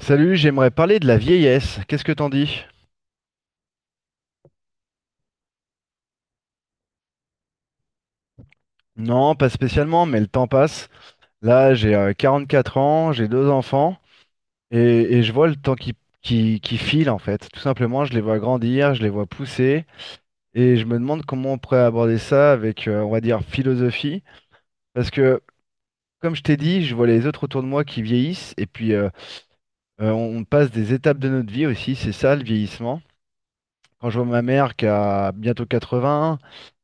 Salut, j'aimerais parler de la vieillesse. Qu'est-ce que t'en dis? Non, pas spécialement, mais le temps passe. Là, j'ai 44 ans, j'ai deux enfants, et je vois le temps qui file en fait. Tout simplement, je les vois grandir, je les vois pousser, et je me demande comment on pourrait aborder ça avec, on va dire, philosophie. Parce que, comme je t'ai dit, je vois les autres autour de moi qui vieillissent, et puis on passe des étapes de notre vie aussi, c'est ça le vieillissement. Quand je vois ma mère qui a bientôt 80,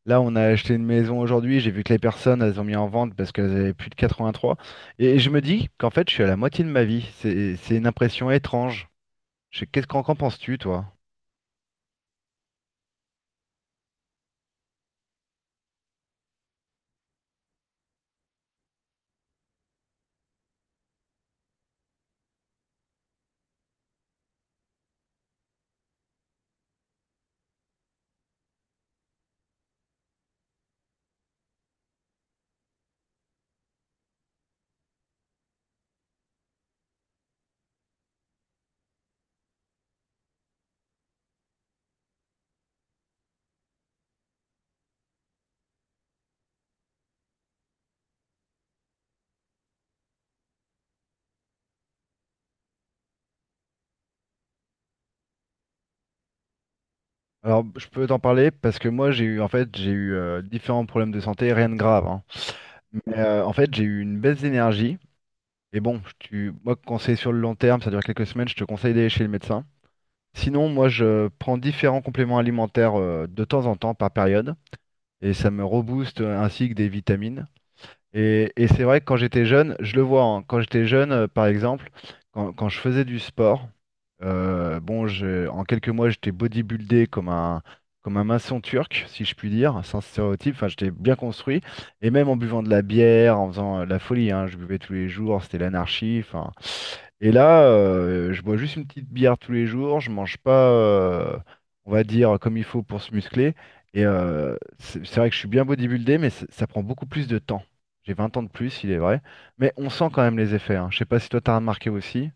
là on a acheté une maison aujourd'hui, j'ai vu que les personnes elles ont mis en vente parce qu'elles avaient plus de 83. Et je me dis qu'en fait je suis à la moitié de ma vie. C'est une impression étrange. Qu'est-ce qu'en penses-tu toi? Alors je peux t'en parler parce que moi j'ai eu en fait j'ai eu différents problèmes de santé, rien de grave. Hein. Mais en fait j'ai eu une baisse d'énergie. Et bon, moi conseil sur le long terme, ça dure quelques semaines, je te conseille d'aller chez le médecin. Sinon, moi je prends différents compléments alimentaires de temps en temps par période. Et ça me rebooste ainsi que des vitamines. Et c'est vrai que quand j'étais jeune, je le vois, hein, quand j'étais jeune, par exemple, quand je faisais du sport, bon, en quelques mois, j'étais bodybuildé comme un maçon turc, si je puis dire, sans stéréotype, enfin, j'étais bien construit, et même en buvant de la bière, en faisant la folie, hein, je buvais tous les jours, c'était l'anarchie, enfin. Et là, je bois juste une petite bière tous les jours, je mange pas, on va dire, comme il faut pour se muscler, et c'est vrai que je suis bien bodybuildé, mais ça prend beaucoup plus de temps. J'ai 20 ans de plus, il est vrai. Mais on sent quand même les effets. Hein. Je sais pas si toi t'as remarqué aussi.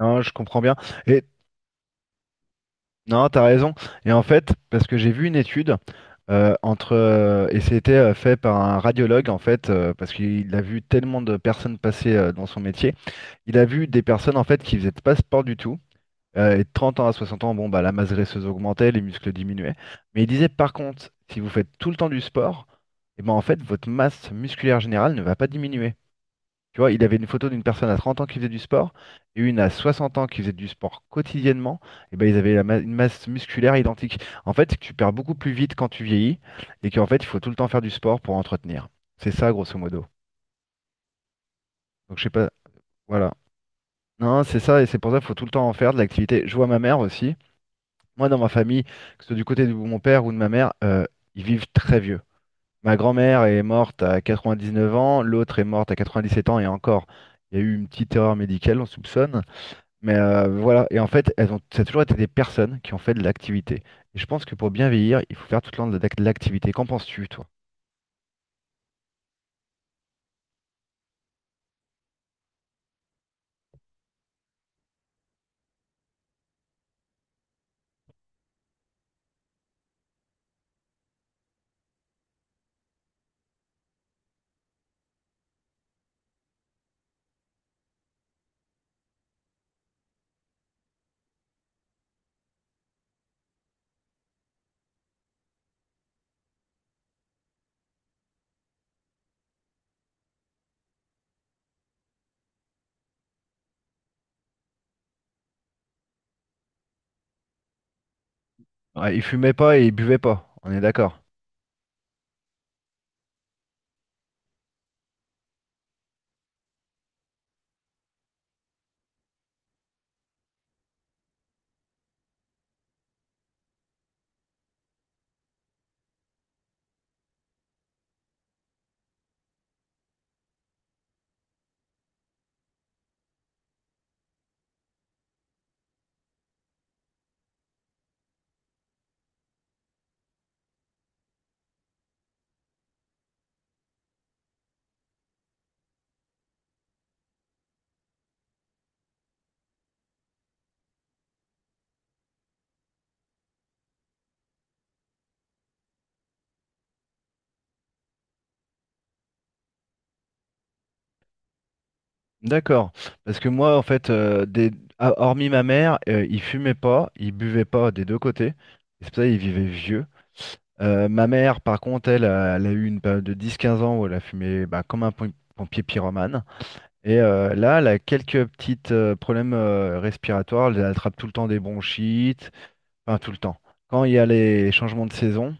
Non, je comprends bien. Et non, t'as raison. Et en fait, parce que j'ai vu une étude entre et c'était fait par un radiologue en fait, parce qu'il a vu tellement de personnes passer dans son métier. Il a vu des personnes en fait qui faisaient pas de sport du tout. Et de 30 ans à 60 ans, bon bah la masse graisseuse augmentait, les muscles diminuaient. Mais il disait par contre, si vous faites tout le temps du sport, et ben en fait votre masse musculaire générale ne va pas diminuer. Tu vois, il avait une photo d'une personne à 30 ans qui faisait du sport et une à 60 ans qui faisait du sport quotidiennement. Et ben, ils avaient une masse musculaire identique. En fait, c'est que tu perds beaucoup plus vite quand tu vieillis et qu'en fait, il faut tout le temps faire du sport pour entretenir. C'est ça, grosso modo. Donc, je sais pas. Voilà. Non, c'est ça et c'est pour ça qu'il faut tout le temps en faire de l'activité. Je vois ma mère aussi. Moi, dans ma famille, que ce soit du côté de mon père ou de ma mère, ils vivent très vieux. Ma grand-mère est morte à 99 ans, l'autre est morte à 97 ans et encore. Il y a eu une petite erreur médicale, on soupçonne. Mais voilà, et en fait, elles ont, ça a toujours été des personnes qui ont fait de l'activité. Et je pense que pour bien vieillir, il faut faire tout le temps de l'activité. Qu'en penses-tu, toi? Ouais, ils fumaient pas et ils buvaient pas, on est d'accord. D'accord. Parce que moi, en fait, ah, hormis ma mère, il fumait pas, il buvait pas des deux côtés. Et c'est pour ça qu'il vivait vieux. Ma mère, par contre, elle a eu une période de 10 15 ans où elle a fumé bah, comme un pompier pyromane. Et là, elle a quelques petits problèmes respiratoires. Elle attrape tout le temps des bronchites. Enfin, tout le temps. Quand il y a les changements de saison.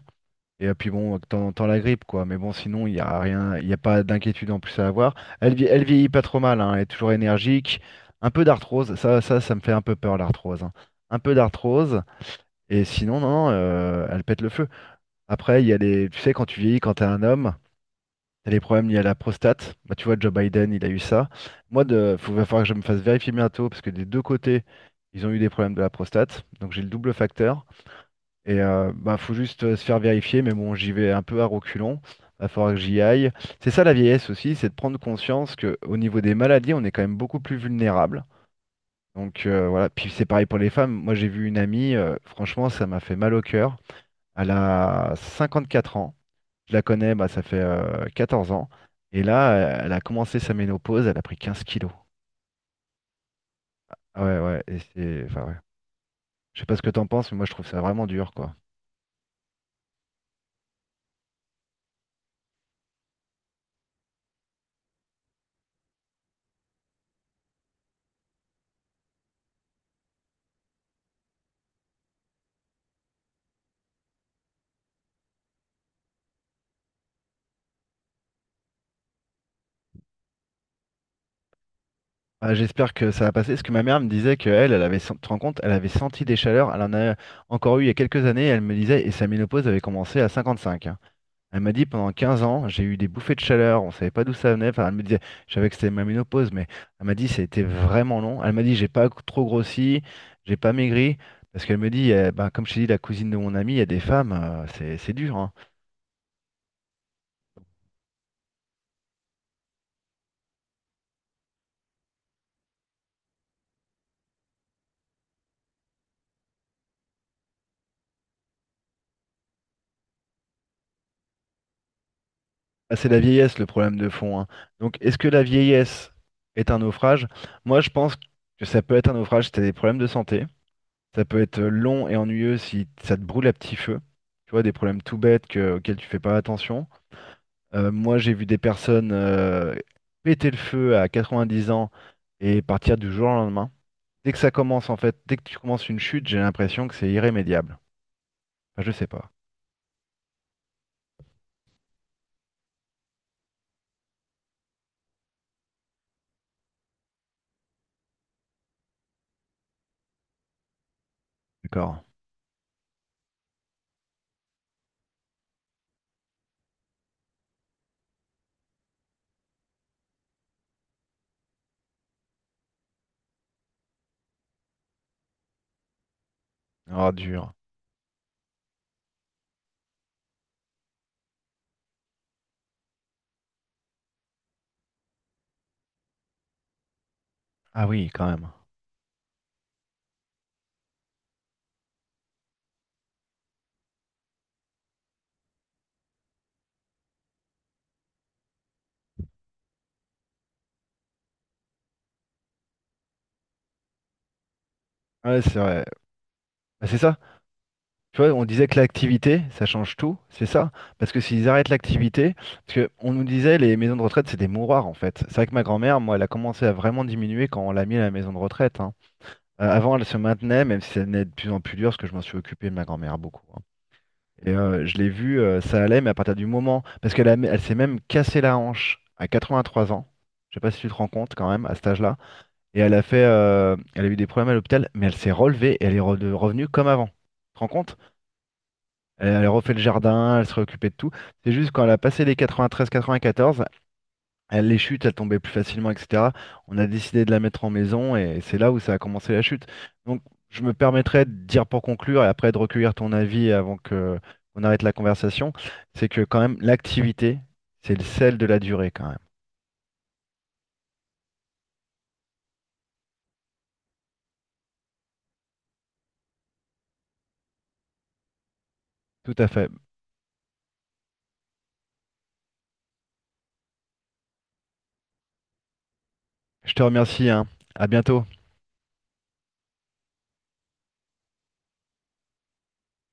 Et puis bon, de temps en temps la grippe, quoi. Mais bon, sinon, il n'y a rien, il n'y a pas d'inquiétude en plus à avoir. Elle, elle vieillit pas trop mal, hein. Elle est toujours énergique. Un peu d'arthrose, ça me fait un peu peur, l'arthrose. Hein. Un peu d'arthrose. Et sinon, non, non, elle pète le feu. Après, il y a les. Tu sais, quand tu vieillis, quand t'es un homme. T'as les problèmes liés à la prostate. Bah, tu vois, Joe Biden, il a eu ça. Moi, va falloir que je me fasse vérifier bientôt parce que des deux côtés, ils ont eu des problèmes de la prostate. Donc, j'ai le double facteur. Et bah, faut juste se faire vérifier. Mais bon, j'y vais un peu à reculons. Va falloir que j'y aille. C'est ça la vieillesse aussi, c'est de prendre conscience que au niveau des maladies, on est quand même beaucoup plus vulnérable. Donc voilà. Puis c'est pareil pour les femmes. Moi, j'ai vu une amie, franchement, ça m'a fait mal au cœur. Elle a 54 ans. Je la connais, bah, ça fait 14 ans. Et là, elle a commencé sa ménopause, elle a pris 15 kilos. Ah, ouais, ouais, et enfin, ouais. Je sais pas ce que t'en penses, mais moi, je trouve ça vraiment dur, quoi. Ah, j'espère que ça va passer, parce que ma mère me disait qu'elle, elle avait, tu te rends compte, elle avait senti des chaleurs, elle en a encore eu il y a quelques années, elle me disait, et sa ménopause avait commencé à 55. Elle m'a dit pendant 15 ans, j'ai eu des bouffées de chaleur, on savait pas d'où ça venait. Enfin, elle me disait, je savais que c'était ma ménopause, mais elle m'a dit, ça a été vraiment long. Elle m'a dit, j'ai pas trop grossi, j'ai pas maigri, parce qu'elle me dit, eh ben, comme je t'ai dit, la cousine de mon ami, il y a des femmes, c'est dur. Hein. Ah, c'est la vieillesse le problème de fond. Hein. Donc, est-ce que la vieillesse est un naufrage? Moi, je pense que ça peut être un naufrage si t'as des problèmes de santé. Ça peut être long et ennuyeux si ça te brûle à petit feu. Tu vois, des problèmes tout bêtes auxquels tu fais pas attention. Moi, j'ai vu des personnes péter le feu à 90 ans et partir du jour au lendemain. Dès que ça commence, en fait, dès que tu commences une chute, j'ai l'impression que c'est irrémédiable. Enfin, je sais pas. D'accord. Oh, dur. Ah oui, quand même. Ouais, c'est vrai. Bah, c'est ça. Tu vois, on disait que l'activité, ça change tout, c'est ça? Parce que s'ils arrêtent l'activité, parce que on nous disait les maisons de retraite, c'est des mouroirs en fait. C'est vrai que ma grand-mère, moi, elle a commencé à vraiment diminuer quand on l'a mis à la maison de retraite. Hein. Avant, elle se maintenait, même si ça devenait de plus en plus dur, parce que je m'en suis occupé de ma grand-mère beaucoup. Hein. Et je l'ai vu, ça allait, mais à partir du moment, parce qu'elle s'est même cassé la hanche à 83 ans. Je sais pas si tu te rends compte quand même à cet âge-là. Et elle a eu des problèmes à l'hôpital, mais elle s'est relevée et elle est revenue comme avant. Tu te rends compte? Elle, elle refait le jardin, elle se réoccupait de tout. C'est juste quand elle a passé les 93-94, les chutes, elles tombaient plus facilement, etc. On a décidé de la mettre en maison et c'est là où ça a commencé la chute. Donc, je me permettrai de dire pour conclure et après de recueillir ton avis avant que on arrête la conversation, c'est que quand même l'activité, c'est le sel de la durée quand même. Tout à fait. Je te remercie, hein. À bientôt.